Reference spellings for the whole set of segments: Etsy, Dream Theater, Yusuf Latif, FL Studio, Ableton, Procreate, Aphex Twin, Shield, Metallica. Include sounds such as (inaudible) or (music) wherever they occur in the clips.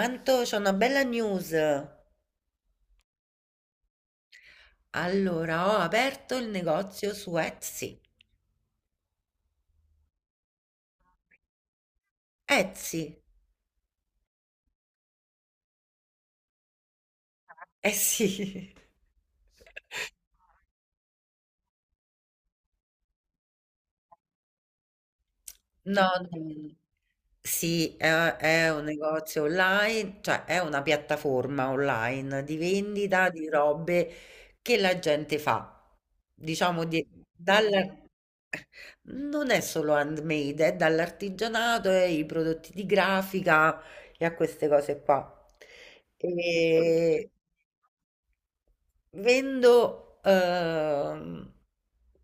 Anto, c'ho una bella news. Allora, ho aperto il negozio su Etsy. Etsy? Eh sì. (laughs) No, no, no. Sì, è un negozio online, cioè è una piattaforma online di vendita di robe che la gente fa. Diciamo di, dalla- non è solo handmade, è dall'artigianato e i prodotti di grafica e a queste cose qua. E, vendo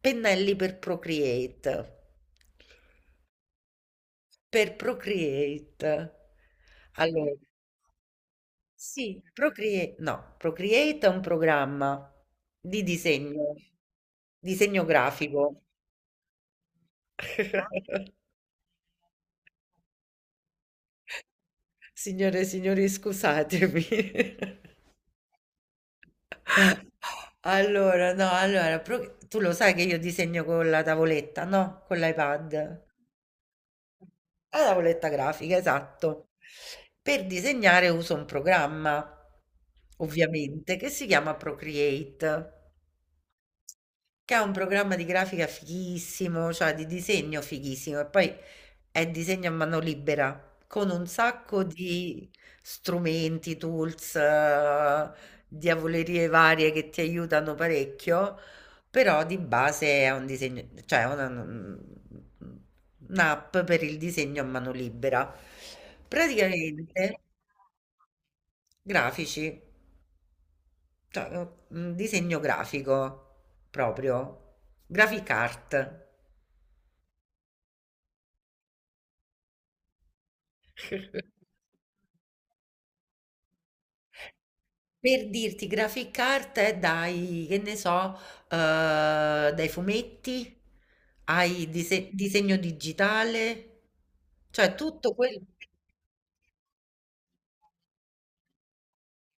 pennelli per Procreate. Per Procreate. Allora, sì, Procreate, no, Procreate è un programma di disegno, disegno grafico. (laughs) Signore e signori, scusatemi. (laughs) Allora, no, allora, tu lo sai che io disegno con la tavoletta, no? Con l'iPad. La tavoletta grafica, esatto. Per disegnare uso un programma, ovviamente, che si chiama Procreate. Che ha un programma di grafica fighissimo, cioè di disegno fighissimo, e poi è disegno a mano libera, con un sacco di strumenti, tools, diavolerie varie che ti aiutano parecchio, però di base è un disegno, cioè è un'app per il disegno a mano libera. Praticamente grafici. Cioè, un disegno grafico proprio, graphic art. Per dirti, graphic art è dai, che ne so, dai fumetti, ai disegno digitale, cioè tutto quello.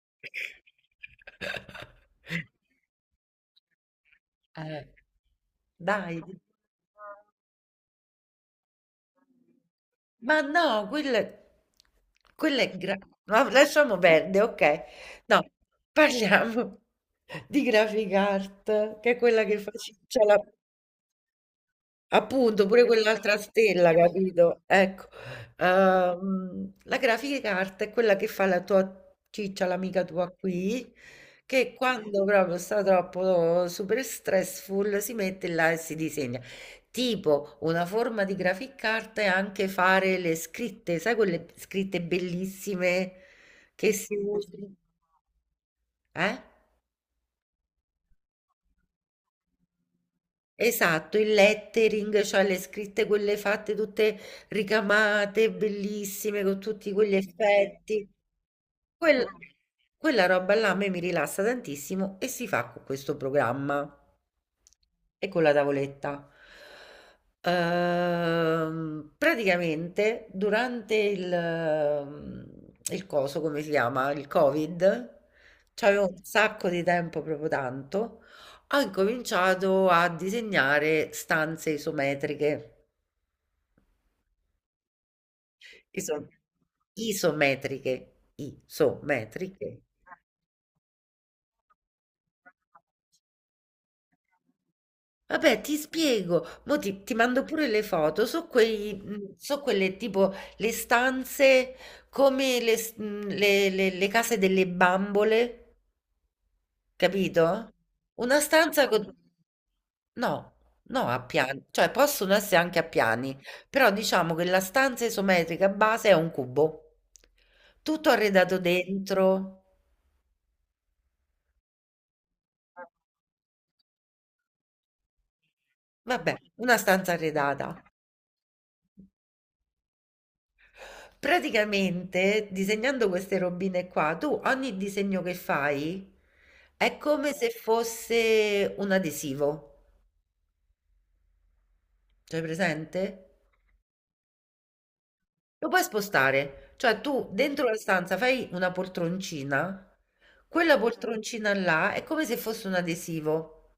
(laughs) Eh, dai. Ma no, quelle quella è gra ma lasciamo perde, okay. No, parliamo (laughs) di Graphic Art, che è quella che face c'è la. Appunto, pure quell'altra stella, capito? Ecco, la grafica carta è quella che fa la tua ciccia, l'amica tua qui, che quando proprio sta troppo super stressful si mette là e si disegna. Tipo, una forma di grafica carta è anche fare le scritte, sai quelle scritte bellissime che si usano? Eh? Esatto, il lettering, cioè le scritte quelle fatte tutte ricamate, bellissime, con tutti quegli effetti. Quel- quella roba là a me mi rilassa tantissimo e si fa con questo programma e con la tavoletta. Praticamente durante il coso, come si chiama, il Covid, c'avevo un sacco di tempo, proprio tanto, ho incominciato a disegnare stanze isometriche. Iso- isometriche. Vabbè, ti spiego, mo ti mando pure le foto, so, quei, so quelle tipo le stanze come le, s- le case delle bambole, capito? Una stanza con... No, no, a piani, cioè possono essere anche a piani, però diciamo che la stanza isometrica base è un cubo, tutto arredato dentro, vabbè, una stanza arredata. Praticamente, disegnando queste robine qua, tu ogni disegno che fai è come se fosse un adesivo. C'hai presente? Lo puoi spostare, cioè tu dentro la stanza fai una poltroncina, quella poltroncina là è come se fosse un adesivo.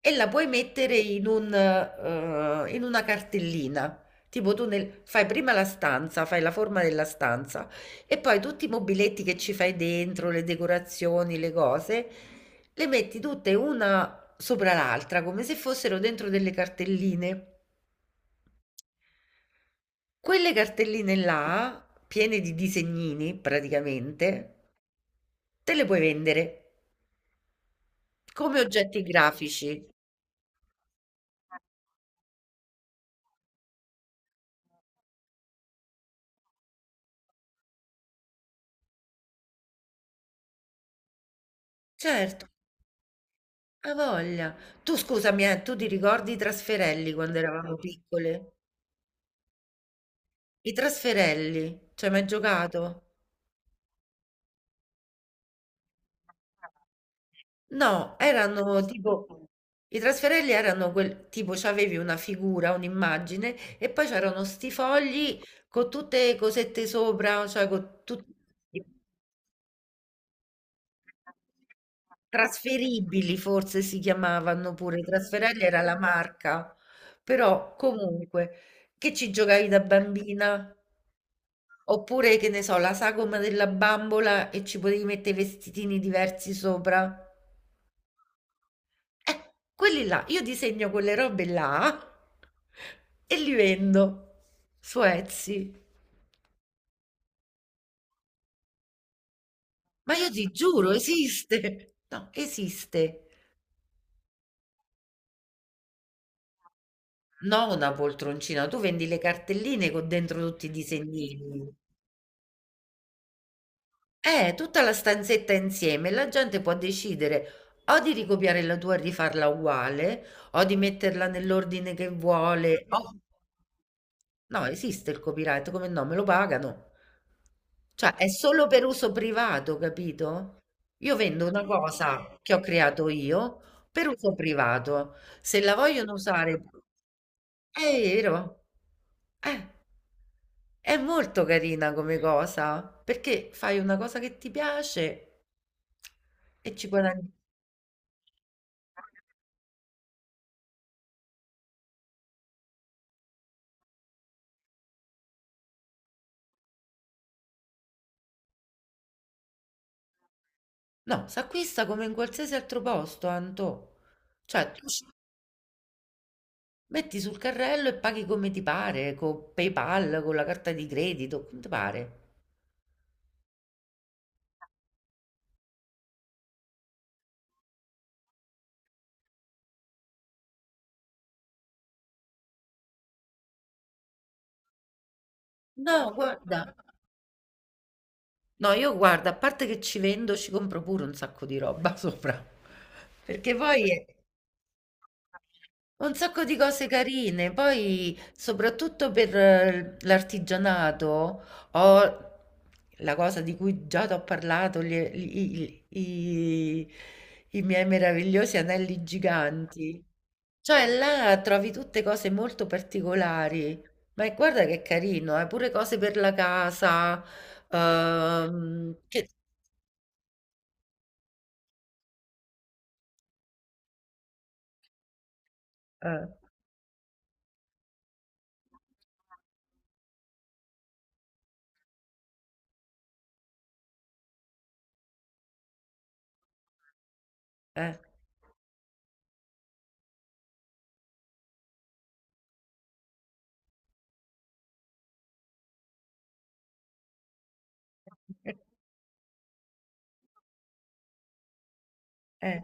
E la puoi mettere in un, in una cartellina. Tipo tu fai prima la stanza, fai la forma della stanza e poi tutti i mobiletti che ci fai dentro, le decorazioni, le cose, le metti tutte una sopra l'altra, come se fossero dentro delle cartelline. Quelle cartelline là, piene di disegnini praticamente, te le puoi vendere come oggetti grafici. Certo. A' voglia. Tu scusami, tu ti ricordi i trasferelli quando eravamo piccole? I trasferelli, ci hai mai giocato? No, erano tipo i trasferelli erano quel tipo c'avevi una figura, un'immagine e poi c'erano sti fogli con tutte le cosette sopra, cioè con tutti trasferibili forse si chiamavano pure, trasferelli era la marca. Però comunque che ci giocavi da bambina? Oppure, che ne so, la sagoma della bambola e ci potevi mettere i vestitini diversi sopra. Quelli là, io disegno quelle robe là e li vendo su Etsy. Ma io ti giuro, esiste. No, esiste. No, una poltroncina, tu vendi le cartelline con dentro tutti i disegnini. Tutta la stanzetta insieme, la gente può decidere o di ricopiare la tua e rifarla uguale, o di metterla nell'ordine che vuole. No, esiste il copyright, come no? Me lo pagano. Cioè, è solo per uso privato, capito? Io vendo una cosa che ho creato io per uso privato. Se la vogliono usare, è vero. Eh, è molto carina come cosa, perché fai una cosa che ti piace e ci guadagni. No, si acquista come in qualsiasi altro posto, Anto. Cioè, tu ci metti sul carrello e paghi come ti pare, con PayPal, con la carta di credito, come ti pare. No, guarda. No, io guarda, a parte che ci vendo, ci compro pure un sacco di roba (laughs) sopra. Perché poi è... Un sacco di cose carine, poi soprattutto per l'artigianato ho la cosa di cui già ti ho parlato, i miei meravigliosi anelli giganti. Cioè là trovi tutte cose molto particolari, ma guarda che carino, pure cose per la casa, ehm, che- eh, eh, (laughs) eh.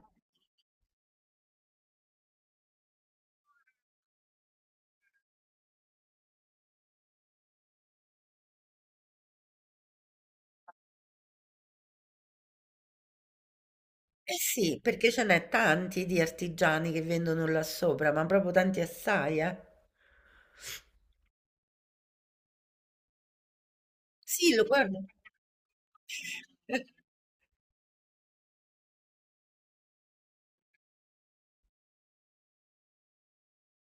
Eh sì, perché ce n'è tanti di artigiani che vendono là sopra, ma proprio tanti assai, eh. Sì, lo guardo. (laughs)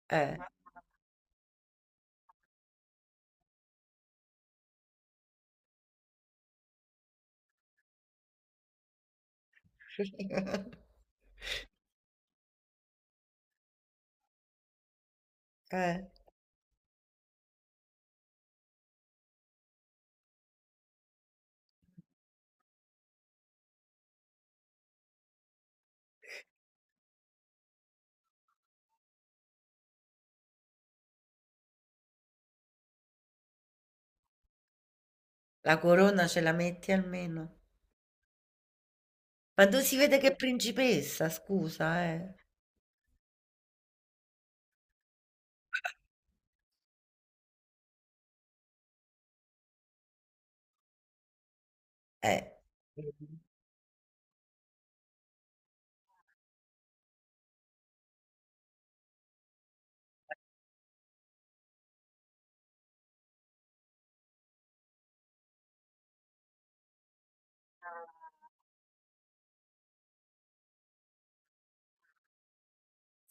Eh. (laughs) Eh, la corona ce la metti almeno. Ma tu si vede che è principessa, scusa, eh. Eh.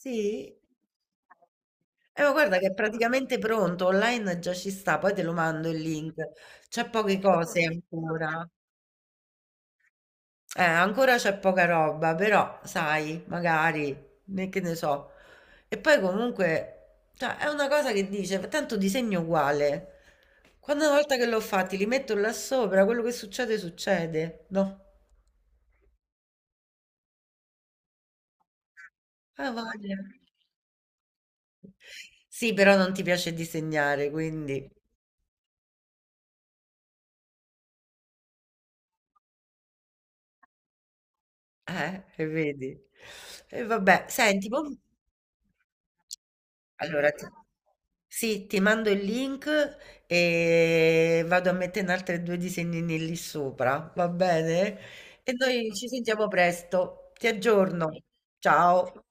Sì. Ma guarda che è praticamente pronto, online già ci sta, poi te lo mando il link. C'è poche cose ancora. Ancora c'è poca roba, però sai, magari, né che ne so. E poi comunque, cioè, è una cosa che dice, tanto disegno uguale. Quando una volta che l'ho fatti, li metto là sopra, quello che succede, succede, no? Ah, voglia. Sì, però non ti piace disegnare, quindi... e vedi? E vabbè, senti, mo allora, sì, ti mando il link e vado a mettere altri due disegnini lì sopra, va bene? E noi ci sentiamo presto. Ti aggiorno. Ciao.